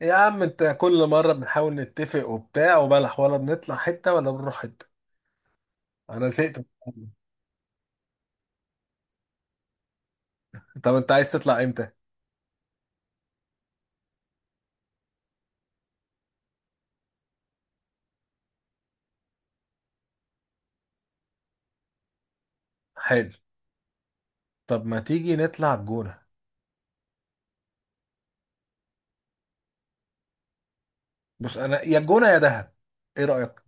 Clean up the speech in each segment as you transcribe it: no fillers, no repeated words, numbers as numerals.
يا عم، انت كل مرة بنحاول نتفق وبتاع وبلح، ولا بنطلع حتة ولا بنروح حتة. انا زهقت من الكلام ده. طب انت عايز تطلع امتى؟ حلو. طب ما تيجي نطلع الجونة؟ بص، انا يا الجونة يا دهب. ايه رأيك؟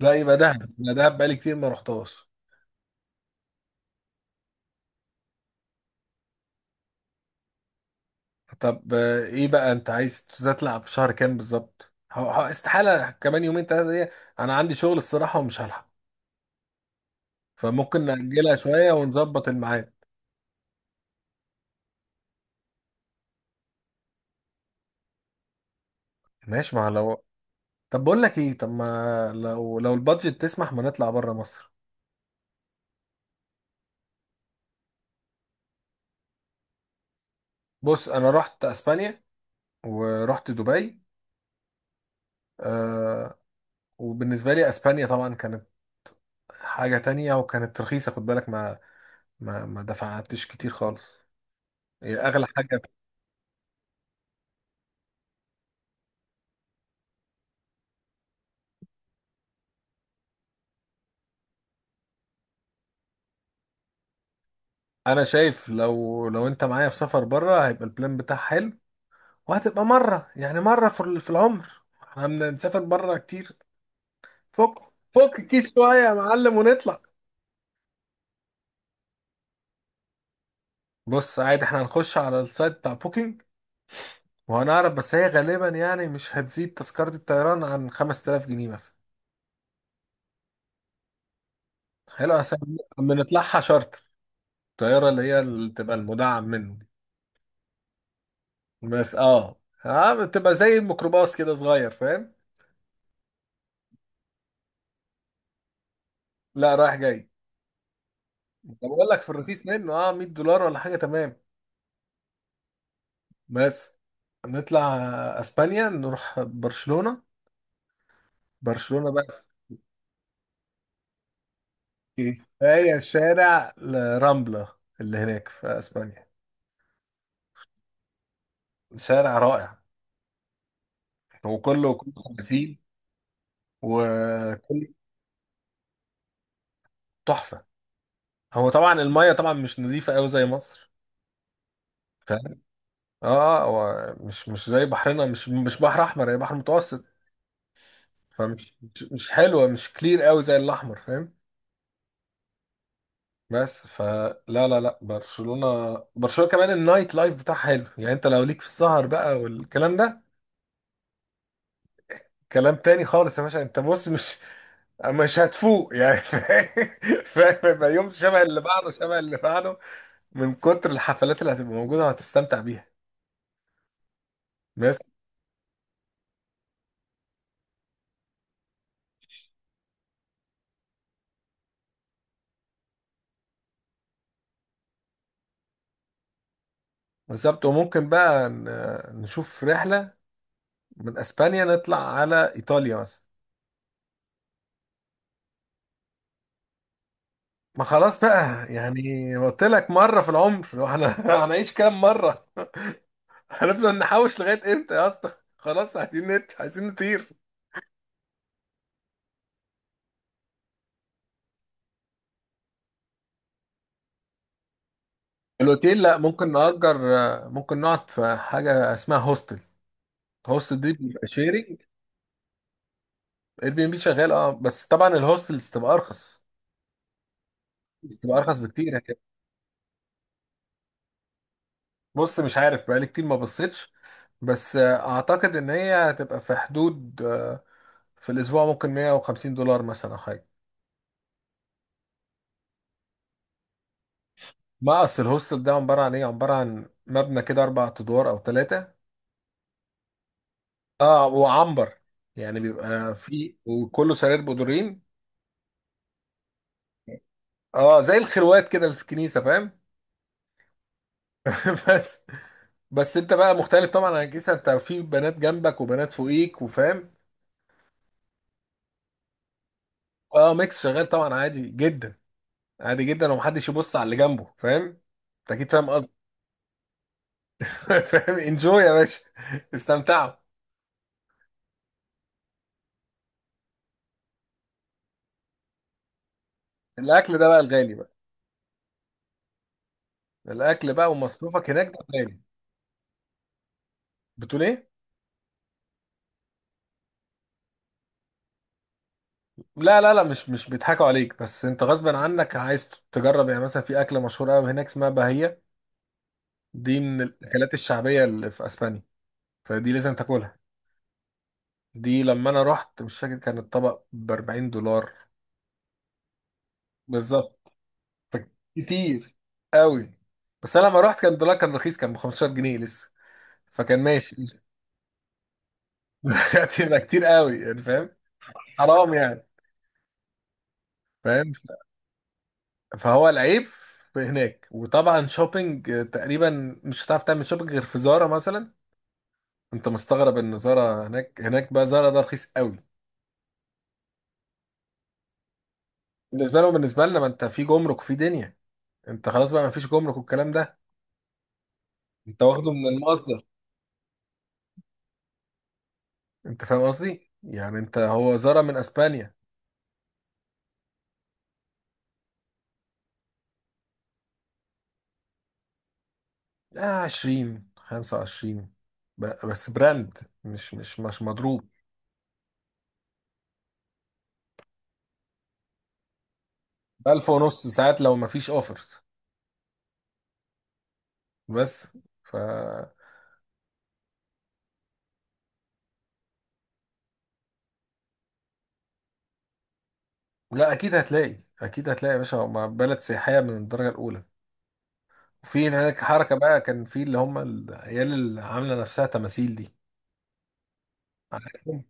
لا، يبقى دهب. انا دهب بقالي كتير ما رحتهاش. طب، ايه بقى انت عايز تطلع في شهر كام بالظبط؟ استحالة كمان يومين ثلاثة دي. انا عندي شغل الصراحة ومش هلحق، فممكن نأجلها شوية ونظبط الميعاد. ماشي ما لو. طب بقول لك ايه، طب ما لو البادجت تسمح ما نطلع بره مصر؟ بص، انا رحت اسبانيا ورحت دبي. آه. وبالنسبه لي، اسبانيا طبعا كانت حاجه تانية، وكانت رخيصه، خد بالك. ما دفعتش كتير خالص. هي اغلى حاجه. انا شايف لو انت معايا في سفر بره، هيبقى البلان بتاعها حلو. وهتبقى مره يعني مره في في العمر، احنا بنسافر بره كتير. فك فك الكيس شويه يا معلم، ونطلع. بص، عادي احنا هنخش على السايت بتاع بوكينج، وانا اعرف، بس هي غالبا يعني مش هتزيد تذكرة الطيران عن 5000 جنيه مثلا. حلو أصل. بنطلعها شارتر. الطيارة اللي بتبقى المدعم منه. بس اه بتبقى زي الميكروباص كده صغير. فاهم؟ لا، رايح جاي. طب بقول لك في الرخيص منه 100 دولار ولا حاجة. تمام. بس نطلع اسبانيا، نروح برشلونة. برشلونة بقى، في هي شارع رامبلا اللي هناك في اسبانيا. شارع رائع، وكله كله خمسين، وكل تحفه. هو طبعا الميه طبعا مش نظيفه قوي زي مصر. فاهم؟ اه، هو مش زي بحرنا، مش بحر احمر، هي بحر متوسط. فمش مش مش حلوه، مش كلير قوي زي الاحمر. فاهم؟ بس. فلا، لا، لا، برشلونه برشلونه كمان النايت لايف بتاعها حلو. يعني انت لو ليك في السهر بقى والكلام ده، كلام تاني خالص يا باشا. انت بص مش هتفوق يعني. فاهم، فاهم؟ يبقى يوم شبه اللي بعده، شبه اللي بعده، من كتر الحفلات اللي هتبقى موجوده، وهتستمتع بيها. بس، بالظبط. وممكن بقى نشوف رحلة من اسبانيا نطلع على ايطاليا مثلا. ما خلاص بقى يعني، قلت لك مرة في العمر، واحنا هنعيش كام مرة؟ هنفضل نحوش لغاية امتى يا اسطى؟ خلاص عايزين نطير. الاوتيل؟ لا، ممكن نأجر. ممكن نقعد في حاجة اسمها هوستل. هوستل دي بيبقى شيرنج. اير بي ام بي شغال، اه، بس طبعا الهوستلز تبقى ارخص، بتبقى ارخص بكتير. بص، مش عارف، بقالي كتير ما بصيتش، بس اعتقد ان هي هتبقى في حدود، في الاسبوع ممكن 150 دولار مثلا أو حاجه. ما اصل الهوستل ده عباره عن ايه؟ عباره عن مبنى كده اربع ادوار او ثلاثه. اه، وعنبر يعني بيبقى فيه، وكله سرير بدورين. اه، زي الخروات كده اللي في الكنيسه. فاهم؟ بس بس انت بقى مختلف طبعا عن الكنيسه. انت في بنات جنبك وبنات فوقيك، وفاهم. اه، ميكس شغال طبعا، عادي جدا. عادي جدا، ومحدش يبص على اللي جنبه. فاهم؟ انت اكيد فاهم. فاهم، انجوي يا باشا، استمتعوا. الاكل ده بقى الغالي بقى. الاكل بقى ومصروفك هناك ده غالي. بتقول ايه؟ لا، لا، لا، مش بيضحكوا عليك، بس انت غصب عنك عايز تجرب، يعني مثلا في اكله مشهوره قوي هناك اسمها باهيه، دي من الاكلات الشعبيه اللي في اسبانيا، فدي لازم تاكلها. دي لما انا رحت، مش فاكر، كان الطبق ب 40 دولار. بالظبط. كتير قوي. بس انا لما رحت كان الدولار كان رخيص، كان ب 15 جنيه لسه، فكان ماشي. هتبقى كتير قوي يعني، فاهم؟ حرام يعني، فاهم؟ فهو العيب في هناك. وطبعا شوبينج تقريبا مش هتعرف تعمل شوبينج غير في زارا مثلا. انت مستغرب ان زارا هناك، هناك بقى زارا ده رخيص قوي. بالنسبه لهم. بالنسبه لنا، ما انت في جمرك وفي دنيا، انت خلاص بقى ما فيش جمرك والكلام ده، انت واخده من المصدر. انت فاهم قصدي؟ يعني انت، هو زارا من اسبانيا. لا، 20 25، بس براند، مش مضروب. 1000 ونص، ساعات لو ما فيش اوفر. بس. ف لا، اكيد هتلاقي، اكيد هتلاقي يا باشا، هما بلد سياحيه من الدرجه الاولى. وفي هناك حركه بقى، كان في اللي هم العيال اللي عامله نفسها تماثيل دي. عارفهم.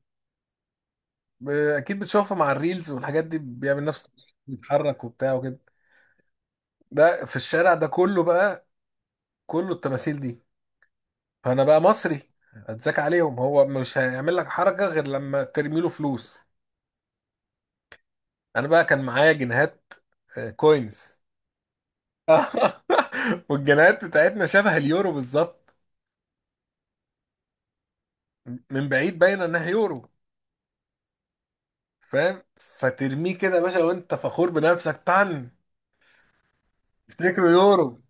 اكيد بتشوفها مع الريلز والحاجات دي، بيعمل نفسه بيتحرك وبتاع وكده. ده في الشارع ده كله بقى، كله التماثيل دي. فانا بقى مصري، اتذاك عليهم. هو مش هيعمل لك حركه غير لما ترمي له فلوس. انا بقى كان معايا جنيهات، كوينز. والجنيهات بتاعتنا شبه اليورو بالظبط، من بعيد باينه انها يورو. فاهم؟ فترميه كده يا باشا وانت فخور بنفسك طن، تفتكره يورو.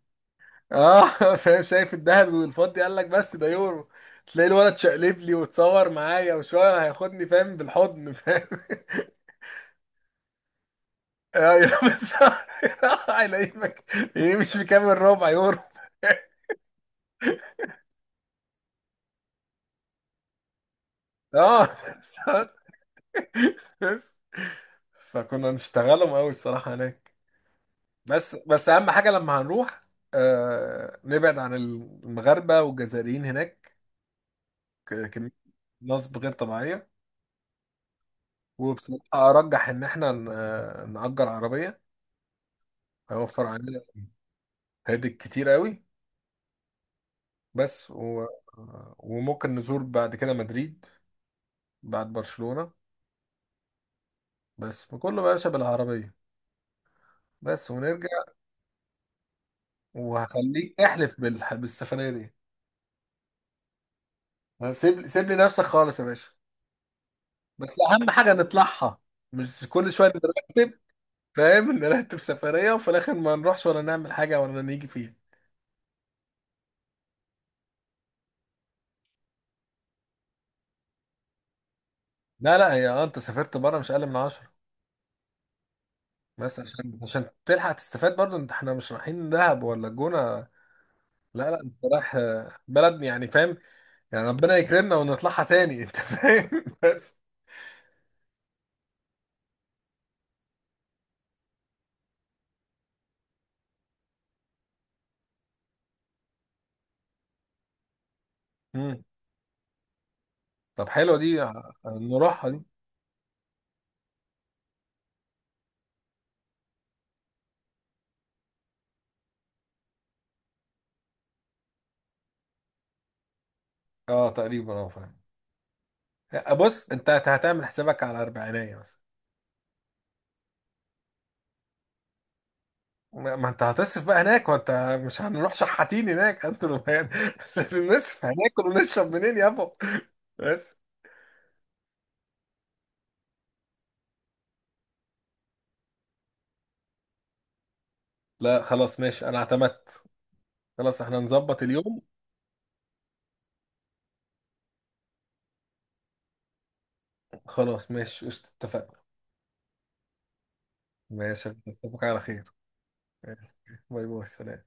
اه. فاهم؟ شايف الدهب والفضي، قال لك بس ده يورو. تلاقي الولد شقلب لي وتصور معايا، وشويه هياخدني فاهم بالحضن. فاهم؟ ايوه، بس هيلاقيك. إيه، مش في كام الربع يورو؟ اه. بس بس فكنا نشتغلهم قوي الصراحه هناك. بس اهم حاجه لما هنروح، آه، نبعد عن المغاربه والجزائريين هناك، كمية نصب غير طبيعية. وبصراحة أرجح إن إحنا نأجر عربية، هيوفر علينا. هادي كتير قوي. بس و. وممكن نزور بعد كده مدريد، بعد برشلونة. بس وكله بقى باشا بالعربية، بس ونرجع. وهخليك احلف بالسفرية دي. سيب، سيب لي نفسك خالص يا باشا. بس أهم حاجة نطلعها، مش كل شوية نرتب. فاهم؟ نرتب سفرية وفي الآخر ما نروحش ولا نعمل حاجة ولا نيجي فيها. لا، لا، هي انت سافرت بره مش اقل من 10. بس عشان تلحق تستفاد برضو انت، احنا مش رايحين دهب ولا الجونة. لا، لا، انت رايح بلد يعني. فاهم؟ يعني ربنا يكرمنا ونطلعها تاني. انت فاهم. بس. مم. طب حلوة دي، نروحها دي. اه، تقريبا، اه، فاهم. بص انت هتعمل حسابك على اربعينية مثلا. ما انت هتصرف بقى هناك وانت، مش هنروح شحاتين هناك انتوا يعني. لازم نصرف، هناكل ونشرب منين يابا؟ بس. لا، خلاص ماشي، انا اعتمدت. خلاص احنا نظبط اليوم. خلاص، ماشي، قشطة، اتفقنا. ماشي. أشوفك على خير. باي باي. سلام.